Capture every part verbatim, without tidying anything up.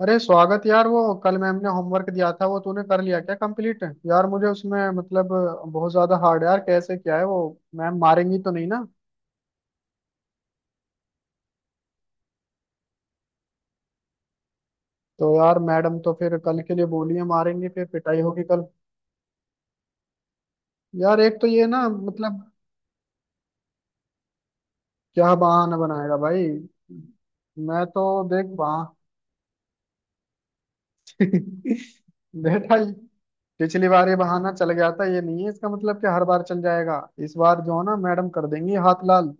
अरे स्वागत यार। वो कल मैम ने होमवर्क दिया था, वो तूने कर लिया क्या कंप्लीट? यार मुझे उसमें मतलब बहुत ज्यादा हार्ड है यार। कैसे क्या है वो? मैम मारेंगी तो नहीं ना? तो यार मैडम तो फिर कल के लिए बोली है, मारेंगी फिर, पिटाई होगी कल। यार एक तो ये ना मतलब, क्या बहाना बनाएगा भाई? मैं तो देख बहा बेटा। पिछली बार ये बहाना चल गया था, ये नहीं है इसका मतलब कि हर बार चल जाएगा। इस बार जो है ना, मैडम कर देंगी हाथ लाल।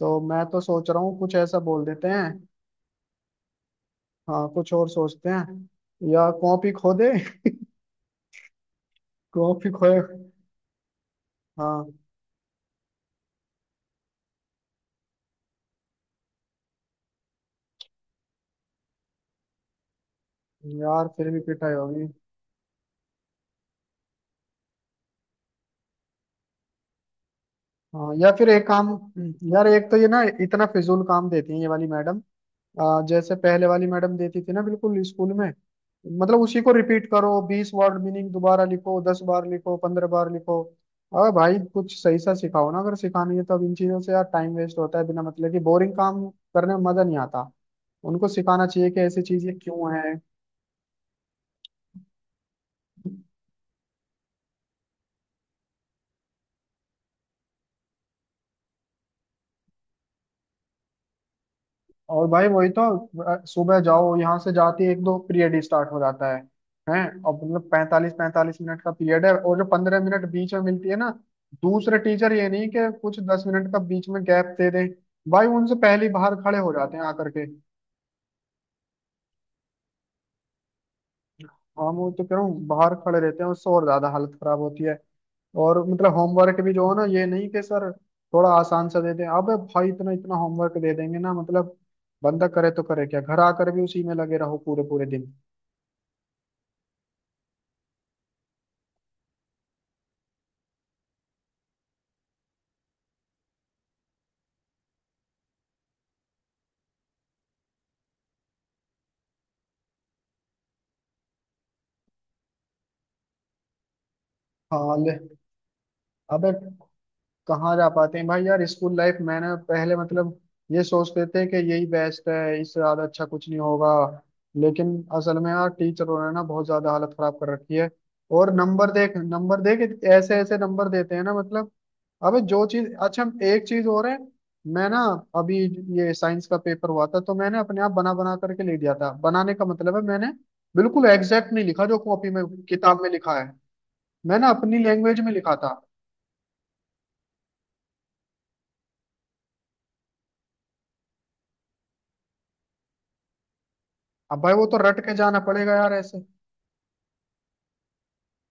तो मैं तो सोच रहा हूँ कुछ ऐसा बोल देते हैं। हाँ कुछ और सोचते हैं, या कॉपी खो दे कॉपी खोए। हाँ यार, फिर भी पिटाई होगी। हाँ, या फिर एक काम। यार एक तो ये ना, इतना फिजूल काम देती है ये वाली मैडम। आ, जैसे पहले वाली मैडम देती थी ना, बिल्कुल स्कूल में। मतलब उसी को रिपीट करो, बीस वर्ड मीनिंग दोबारा लिखो, दस बार लिखो, पंद्रह बार लिखो। अरे भाई कुछ सही सा सिखाओ ना, अगर सिखानी है तो। अब इन चीजों से यार टाइम वेस्ट होता है, बिना मतलब की बोरिंग काम करने में मजा नहीं आता। उनको सिखाना चाहिए कि ऐसी चीजें क्यों है। और भाई वही तो। अ, सुबह जाओ, यहाँ से जाते ही एक दो पीरियड ही स्टार्ट हो जाता है हैं। और मतलब पैंतालीस पैंतालीस मिनट का पीरियड है, और जो पंद्रह मिनट बीच में मिलती है ना दूसरे टीचर, ये नहीं कि कुछ दस मिनट का बीच में गैप दे दें। भाई उनसे पहले ही बाहर खड़े हो जाते हैं आकर के। हम वो तो कह रहा हूँ बाहर खड़े रहते हैं, उससे और ज्यादा हालत खराब होती है। और मतलब होमवर्क भी जो है ना, ये नहीं कि सर थोड़ा आसान सा दे दें। अबे भाई इतना इतना होमवर्क दे देंगे ना मतलब, बंदा करे तो करे क्या? घर आकर भी उसी में लगे रहो पूरे पूरे दिन। हाँ ले। अबे कहाँ जा पाते हैं भाई यार? स्कूल लाइफ मैंने पहले मतलब ये सोचते थे कि यही बेस्ट है, इससे ज्यादा अच्छा कुछ नहीं होगा। लेकिन असल में यार टीचरों ने ना बहुत ज्यादा हालत खराब कर रखी है। और नंबर देख, नंबर देख, ऐसे ऐसे नंबर देते हैं ना मतलब। अबे जो चीज अच्छा। एक चीज और है। मैं ना अभी ये साइंस का पेपर हुआ था, तो मैंने अपने आप बना बना करके ले दिया था। बनाने का मतलब है मैंने बिल्कुल एग्जैक्ट नहीं लिखा जो कॉपी में किताब में लिखा है। मैंने अपनी लैंग्वेज में लिखा था। अब भाई वो तो रट के जाना पड़ेगा यार ऐसे।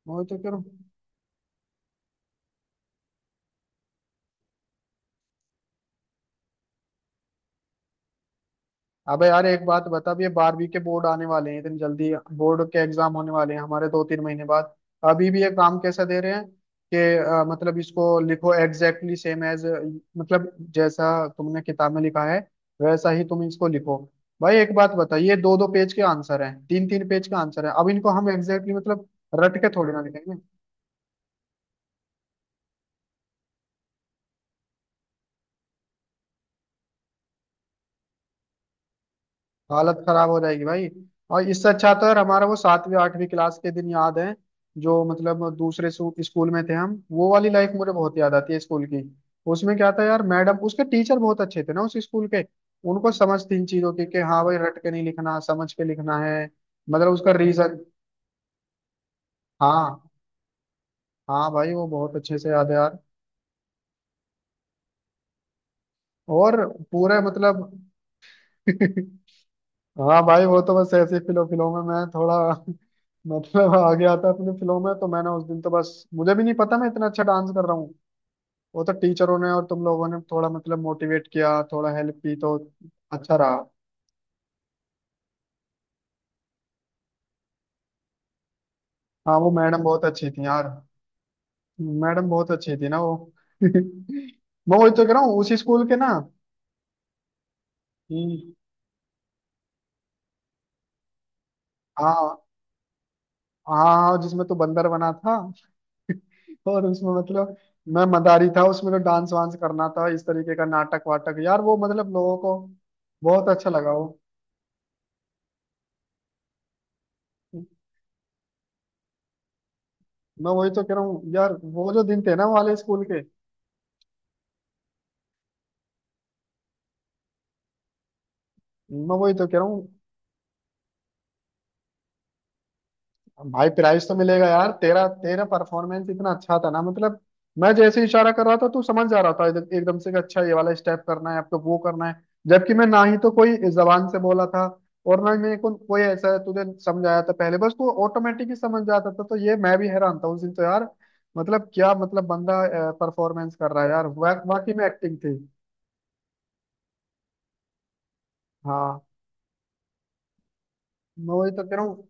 वही तो करूँ। अबे यार एक बात बता, अब ये बारहवीं के बोर्ड आने वाले हैं इतनी जल्दी। बोर्ड के एग्जाम होने वाले हैं हमारे दो तीन महीने बाद। अभी भी ये काम कैसा दे रहे हैं कि अ, मतलब इसको लिखो एग्जैक्टली सेम एज, मतलब जैसा तुमने किताब में लिखा है वैसा ही तुम इसको लिखो। भाई एक बात बता, ये दो दो पेज के आंसर हैं, तीन तीन पेज के आंसर हैं, अब इनको हम एग्जैक्टली मतलब रट के थोड़ी ना लिखेंगे। हालत खराब हो जाएगी भाई। और इससे अच्छा तो यार हमारा वो सातवीं आठवीं क्लास के दिन याद है, जो मतलब दूसरे सू- स्कूल में थे हम। वो वाली लाइफ मुझे बहुत याद आती है स्कूल की। उसमें क्या था यार, मैडम उसके टीचर बहुत अच्छे थे ना उस स्कूल के। उनको समझ थी इन चीजों की कि हाँ भाई रट के नहीं लिखना, समझ के लिखना है। मतलब उसका रीजन। हाँ। हाँ भाई, वो बहुत अच्छे से याद है यार। और पूरे मतलब हाँ भाई, वो तो बस ऐसे फिलो फिलो में मैं थोड़ा मतलब आ गया था अपने फिलो में। तो मैंने उस दिन तो बस, मुझे भी नहीं पता मैं इतना अच्छा डांस कर रहा हूँ। वो तो टीचरों ने और तुम लोगों ने थोड़ा मतलब मोटिवेट किया, थोड़ा हेल्प की तो अच्छा रहा। हाँ वो मैडम बहुत अच्छी थी यार। मैडम बहुत अच्छी थी ना वो मैं वही तो कह रहा हूँ उसी स्कूल के ना। हम्म, हाँ। हाँ हाँ, जिसमें तू बंदर बना था, तो और उसमें मतलब मैं मदारी था। उसमें तो डांस वांस करना था, इस तरीके का नाटक वाटक यार, वो मतलब लोगों को बहुत अच्छा लगा वो। मैं वही तो कह रहा हूँ यार, वो जो दिन थे ना वाले स्कूल के। मैं वही तो कह रहा हूँ, भाई प्राइस तो मिलेगा यार, तेरा तेरा परफॉर्मेंस इतना अच्छा था ना मतलब। मैं जैसे इशारा कर रहा था, तू समझ जा रहा था एकदम- एकदम से कि अच्छा ये वाला स्टेप करना है आपको, वो करना है। जबकि मैं ना ही तो कोई जबान से बोला था, और ना ही मेरे को कोई ऐसा तुझे समझाया था पहले। बस तू ऑटोमेटिक ही समझ जाता था, तो ये मैं भी हैरान था उस दिन तो यार। मतलब क्या मतलब बंदा परफॉर्मेंस कर रहा है यार, वा- वाकई में एक्टिंग थी। हाँ। मैं वही तो कह रहा हूँ।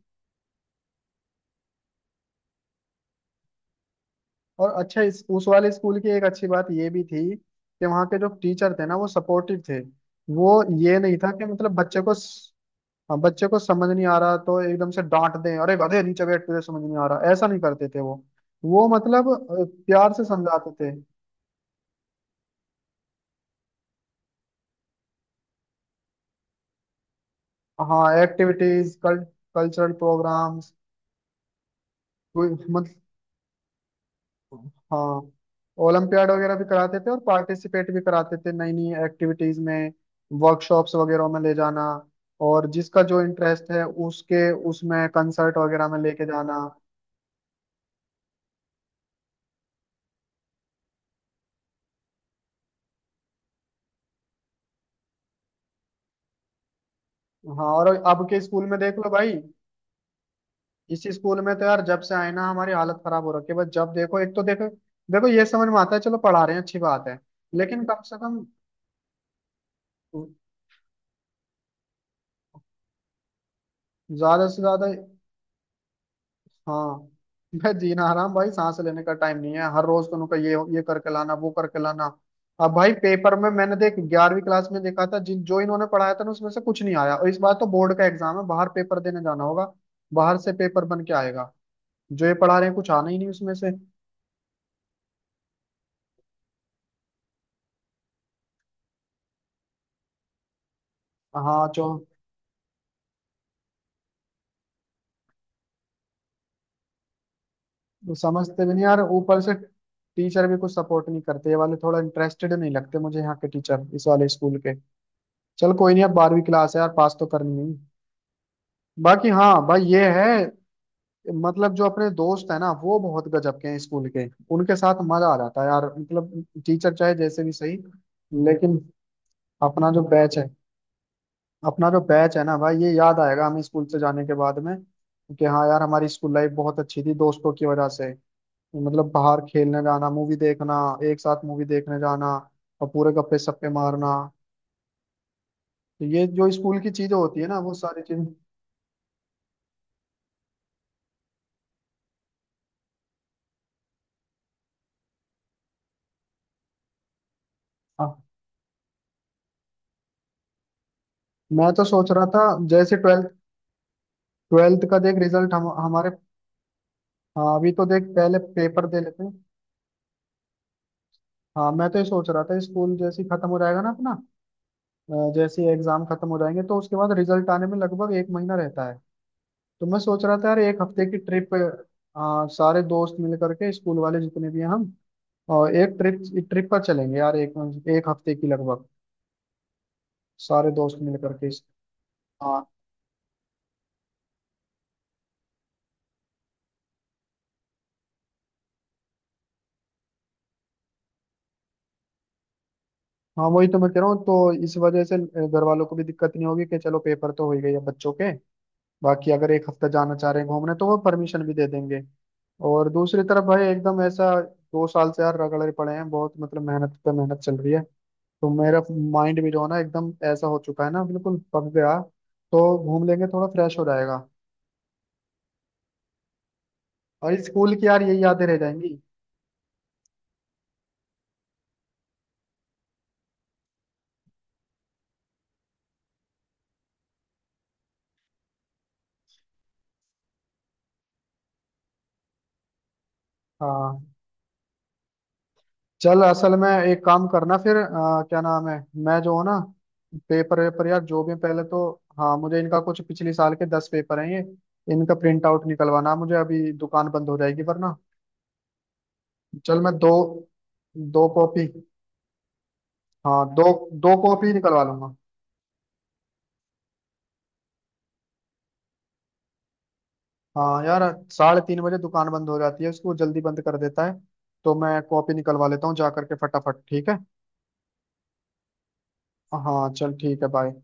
और अच्छा, इस उस वाले स्कूल की एक अच्छी बात ये भी थी कि वहाँ के जो टीचर थे ना वो सपोर्टिव थे। वो ये नहीं था कि मतलब बच्चे को स- हाँ, बच्चे को समझ नहीं आ रहा तो एकदम से डांट दें, अरे गधे नीचे बैठ, तुझे समझ नहीं आ रहा, ऐसा नहीं करते थे वो। वो मतलब अ, प्यार से समझाते थे। हाँ एक्टिविटीज, कल, कल्चरल प्रोग्राम्स। हाँ ओलंपियाड वगैरह भी कराते थे और पार्टिसिपेट भी कराते थे नई नई एक्टिविटीज में। वर्कशॉप्स वगैरह में ले जाना, और जिसका जो इंटरेस्ट है उसके उसमें कंसर्ट वगैरह में लेके जाना। हाँ और अब के स्कूल में देख लो भाई। इसी स्कूल में तो यार जब से आए ना, हमारी हालत खराब हो रखी है। बस जब देखो एक तो, देखो, देखो ये समझ में आता है चलो पढ़ा रहे हैं अच्छी बात है, लेकिन कम से कम। ज्यादा से ज्यादा। हाँ मैं जीना हराम भाई, सांस लेने का टाइम नहीं है, हर रोज तुमको ये ये करके लाना, वो करके लाना। अब भाई पेपर में मैंने देख ग्यारहवीं क्लास में देखा था, जिन जो इन्होंने पढ़ाया था ना उसमें से कुछ नहीं आया। और इस बार तो बोर्ड का एग्जाम है, बाहर पेपर देने जाना होगा। बाहर से पेपर बन के आएगा, जो ये पढ़ा रहे हैं कुछ आना ही नहीं उसमें से। हाँ जो। वो समझते भी नहीं यार, ऊपर से टीचर भी कुछ सपोर्ट नहीं करते, ये वाले थोड़ा इंटरेस्टेड नहीं लगते मुझे यहाँ के टीचर, इस वाले स्कूल के। चल कोई नहीं, अब बारहवीं क्लास है यार, पास तो करनी नहीं। बाकी हाँ भाई ये है। मतलब जो अपने दोस्त है ना वो बहुत गजब के हैं स्कूल के, उनके साथ मजा आ जाता है यार, मतलब टीचर चाहे जैसे भी सही। लेकिन अपना जो बैच है, अपना जो बैच है ना भाई, ये याद आएगा हमें स्कूल से जाने के बाद में कि हाँ यार हमारी स्कूल लाइफ बहुत अच्छी थी दोस्तों की वजह से। मतलब बाहर खेलने जाना, मूवी देखना, एक साथ मूवी देखने जाना, और पूरे गप्पे सप्पे मारना। तो ये जो स्कूल की चीजें होती है ना वो सारी चीज। हाँ मैं तो सोच रहा था, जैसे ट्वेल्थ, ट्वेल्थ का देख रिजल्ट, हम हमारे। हाँ अभी तो देख, पहले पेपर दे लेते हैं। हाँ मैं तो ये सोच रहा था स्कूल जैसे ही खत्म हो जाएगा ना अपना, अ, जैसे ही एग्जाम खत्म हो जाएंगे तो उसके बाद रिजल्ट आने में लगभग एक महीना रहता है। तो मैं सोच रहा था यार, एक हफ्ते की ट्रिप। हाँ सारे दोस्त मिल करके स्कूल वाले जितने भी हैं हम, और एक ट्रिप, ट्रिप पर चलेंगे यार, एक एक हफ्ते की लगभग। सारे दोस्त मिल करके इस- हाँ हाँ, वही तो मैं कह रहा हूँ। तो इस वजह से घर वालों को भी दिक्कत नहीं होगी कि चलो पेपर तो हो ही गई है बच्चों के, बाकी अगर एक हफ्ता जाना चाह रहे हैं घूमने तो वो परमिशन भी दे देंगे। और दूसरी तरफ भाई एकदम ऐसा, दो साल से यार रगड़े पड़े हैं बहुत मतलब, मेहनत पे मेहनत चल रही है। तो मेरा माइंड भी जो है ना एकदम ऐसा हो चुका है ना, बिल्कुल पक गया। तो घूम लेंगे, थोड़ा फ्रेश हो जाएगा। और स्कूल की यार यही यादें रह जाएंगी। हाँ चल, असल में एक काम करना फिर, अ, क्या नाम है, मैं जो हूँ ना, पेपर वेपर यार जो भी है, पहले तो। हाँ मुझे इनका कुछ पिछले साल के दस पेपर हैं ये, इनका प्रिंट आउट निकलवाना मुझे, अभी दुकान बंद हो जाएगी वरना। चल मैं दो, दो कॉपी, हाँ दो, दो कॉपी निकलवा लूंगा। हाँ यार साढ़े तीन बजे दुकान बंद हो जाती है, उसको जल्दी बंद कर देता है। तो मैं कॉपी निकलवा लेता हूँ जा करके फटाफट, ठीक है? हाँ चल ठीक है, बाय।